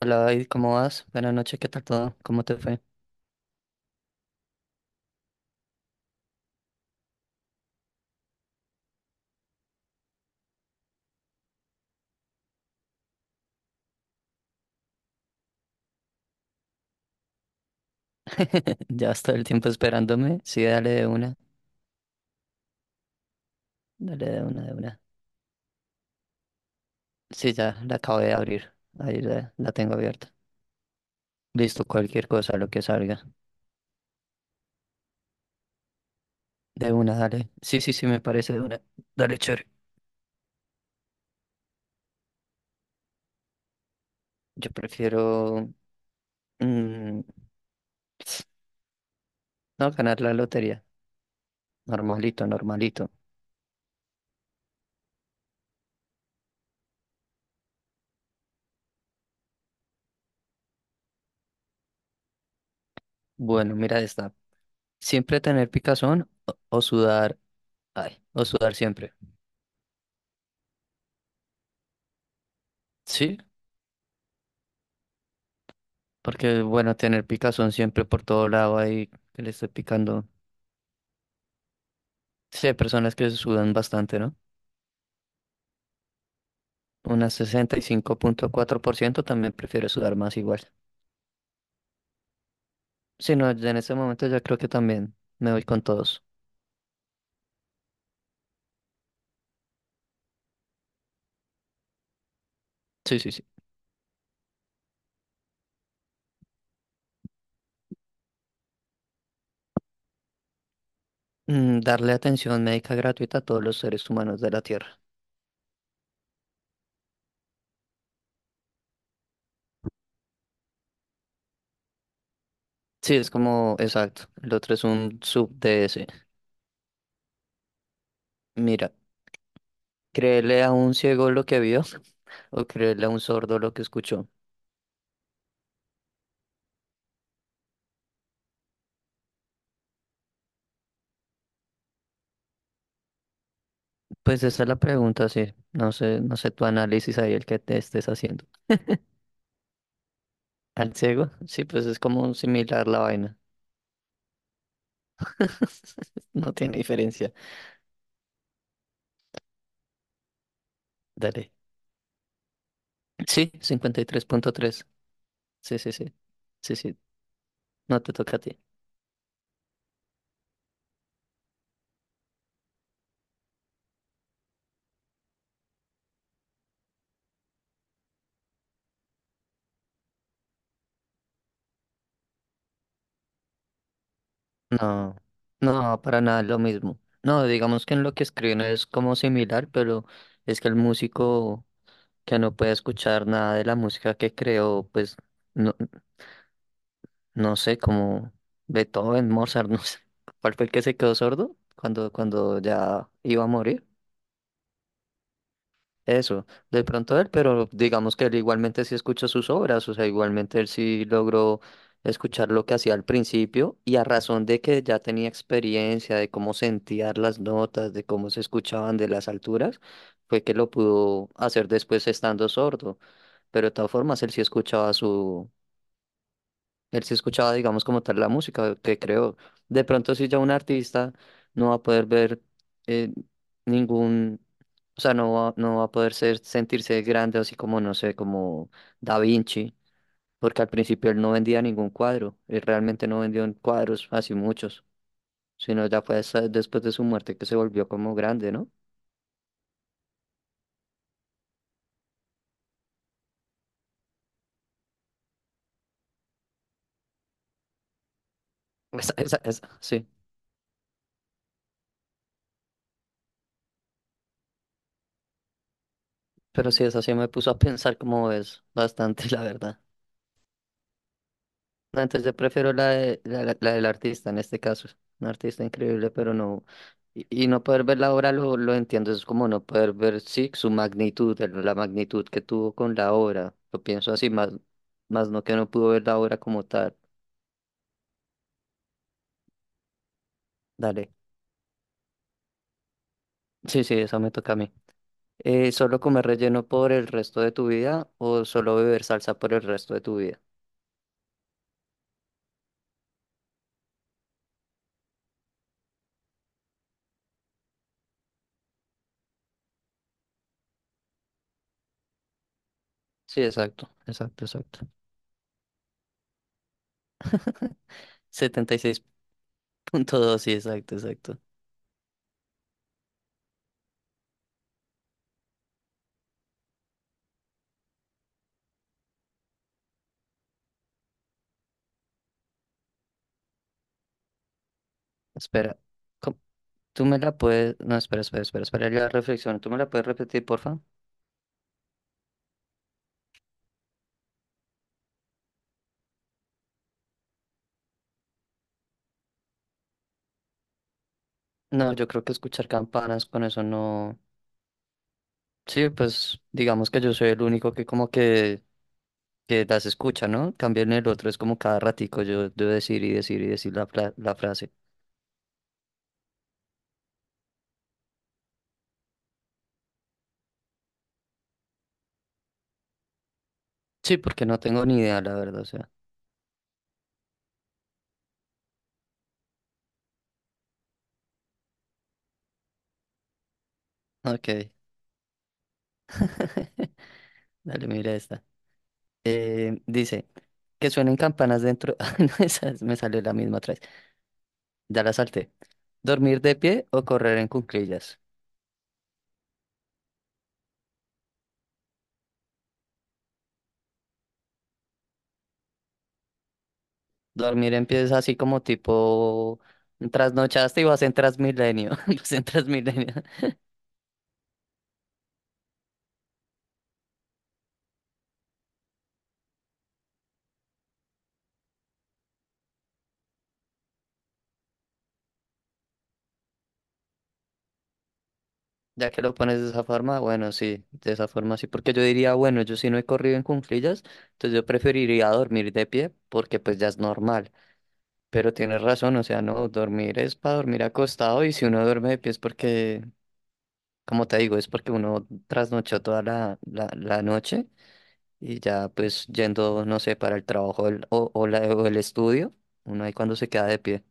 Hola David, ¿cómo vas? Buenas noches, ¿qué tal todo? ¿Cómo te fue? Ya vas todo el tiempo esperándome. Sí, dale de una, de una. Sí, ya la acabo de abrir. Ahí la tengo abierta. Listo, cualquier cosa, lo que salga. De una, dale. Sí, sí, sí, me parece de una. Dale, chévere. Yo prefiero mm, no ganar la lotería. Normalito, normalito. Bueno, mira esta. Siempre tener picazón o sudar. Ay, o sudar siempre. Sí. Porque es bueno tener picazón siempre por todo lado ahí que le esté picando. Sí, hay personas que sudan bastante, ¿no? Unas 65,4% también prefiere sudar más igual. Sí, no, ya en este momento ya creo que también me voy con todos. Sí, sí, sí. Mm, darle atención médica gratuita a todos los seres humanos de la Tierra. Sí, es como, exacto. El otro es un sub de ese. Mira, créele a un ciego lo que vio o créele a un sordo lo que escuchó. Pues esa es la pregunta, sí. No sé, no sé tu análisis ahí, el que te estés haciendo. ¿Al ciego? Sí, pues es como similar la vaina. No tiene diferencia. Dale. Sí, 53,3. Sí, sí, sí. Sí, sí. No te toca a ti. No, no, para nada es lo mismo. No, digamos que en lo que escriben es como similar, pero es que el músico que no puede escuchar nada de la música que creó, pues no, no sé, como Beethoven, Mozart, no sé, cuál fue el que se quedó sordo cuando ya iba a morir. Eso, de pronto él, pero digamos que él igualmente sí escuchó sus obras, o sea, igualmente él sí logró escuchar lo que hacía al principio y a razón de que ya tenía experiencia de cómo sentían las notas, de cómo se escuchaban de las alturas, fue que lo pudo hacer después estando sordo, pero de todas formas él sí escuchaba. Él sí escuchaba, digamos, como tal la música que creó. De pronto, si ya un artista no va a poder ver eh, ningún, o sea, no va, no va a poder ser, sentirse grande, así como, no sé, como Da Vinci, porque al principio él no vendía ningún cuadro, él realmente no vendió cuadros así muchos, sino ya fue hasta después de su muerte que se volvió como grande, ¿no? Esa, sí. Pero sí, esa sí me puso a pensar como es bastante, la verdad. No, entonces yo prefiero la, de- la- la del artista en este caso. Un artista increíble, pero no. Y no poder ver la obra lo entiendo, es como no poder ver, sí, su magnitud, la magnitud que tuvo con la obra. Lo pienso así, más, más no que no pudo ver la obra como tal. Dale. Sí, sí, eso me toca a mí. ¿Solo comer relleno por el resto de tu vida o solo beber salsa por el resto de tu vida? Sí, exacto, exacto, exacto. 76,2 sí, exacto, exacto. Espera. ¿Cómo? Tú me la puedes. No, espera, espera, espera, espera. La reflexión. ¿Tú me la puedes repetir, porfa? No, yo creo que escuchar campanas con eso no. Sí, pues digamos que yo soy el único que como que, las escucha, ¿no? Cambio en el otro, es como cada ratico yo debo decir y decir y decir la frase. Sí, porque no tengo ni idea, la verdad, o sea. Ok. Dale, mira esta. Eh, dice, que suenen campanas dentro. Ay, no, me salió la misma otra vez. Ya la salté. ¿Dormir de pie o correr en cuclillas? Dormir empieza así como tipo trasnochaste y vas en Transmilenio, vas en Transmilenio. Ya que lo pones de esa forma, bueno, sí, de esa forma sí, porque yo diría, bueno, yo sí no he corrido en cuclillas, entonces yo preferiría dormir de pie porque pues ya es normal. Pero tienes razón, o sea, no, dormir es para dormir acostado y si uno duerme de pie es porque, como te digo, es porque uno trasnochó toda la noche y ya pues yendo, no sé, para el trabajo o el estudio, uno ahí cuando se queda de pie.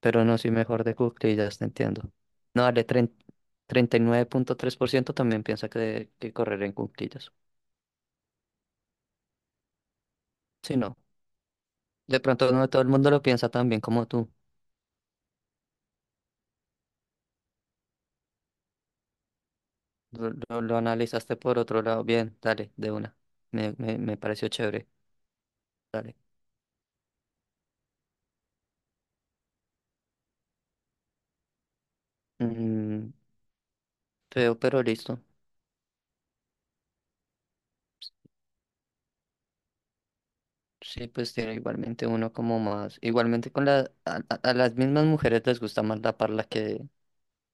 Pero no soy mejor de ya te entiendo. No, dale, treinta y nueve punto tres por ciento también piensa que correr en cuclillas. Sí, no. De pronto no todo el mundo lo piensa tan bien como tú. Lo analizaste por otro lado. Bien, dale, de una. Me pareció chévere. Dale. Mm, feo, pero listo. Sí, pues tiene igualmente uno como más. Igualmente con la, a las mismas mujeres les gusta más la parla que,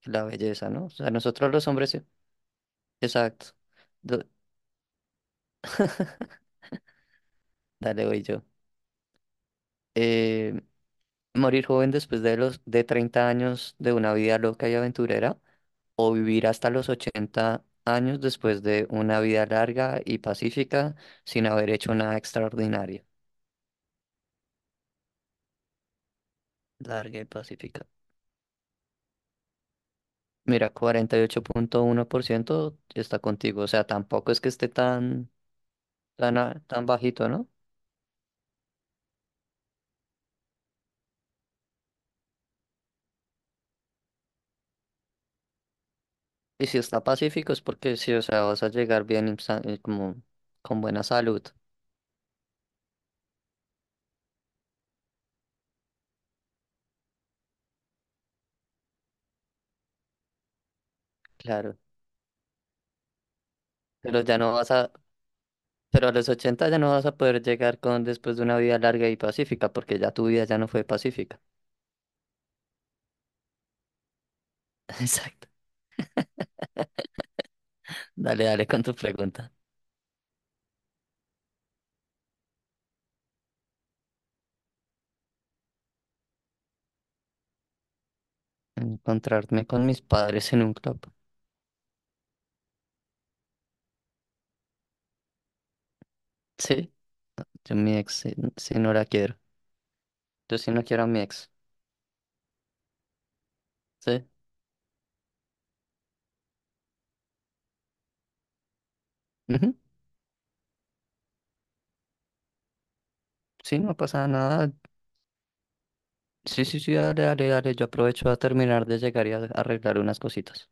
que la belleza, ¿no? O sea, nosotros los hombres, sí. Exacto. Do- dale, voy yo. Eh, Morir joven después de los de 30 años de una vida loca y aventurera o vivir hasta los 80 años después de una vida larga y pacífica sin haber hecho nada extraordinario. Larga y pacífica. Mira, 48,1% está contigo, o sea, tampoco es que esté tan bajito, ¿no? Y si está pacífico es porque sí, o sea, vas a llegar bien y como con buena salud, claro. Pero ya no vas a Pero a los 80 ya no vas a poder llegar con después de una vida larga y pacífica, porque ya tu vida ya no fue pacífica. Exacto. Dale, dale con tu pregunta. Encontrarme con mis padres en un club. Sí, yo mi ex, sí, sí, no la quiero. Yo sí no quiero a mi ex. Sí. Ujú. Sí, no pasa nada. Sí, sí, sí, dale, dale, dale. Yo aprovecho a terminar de llegar y a arreglar unas cositas.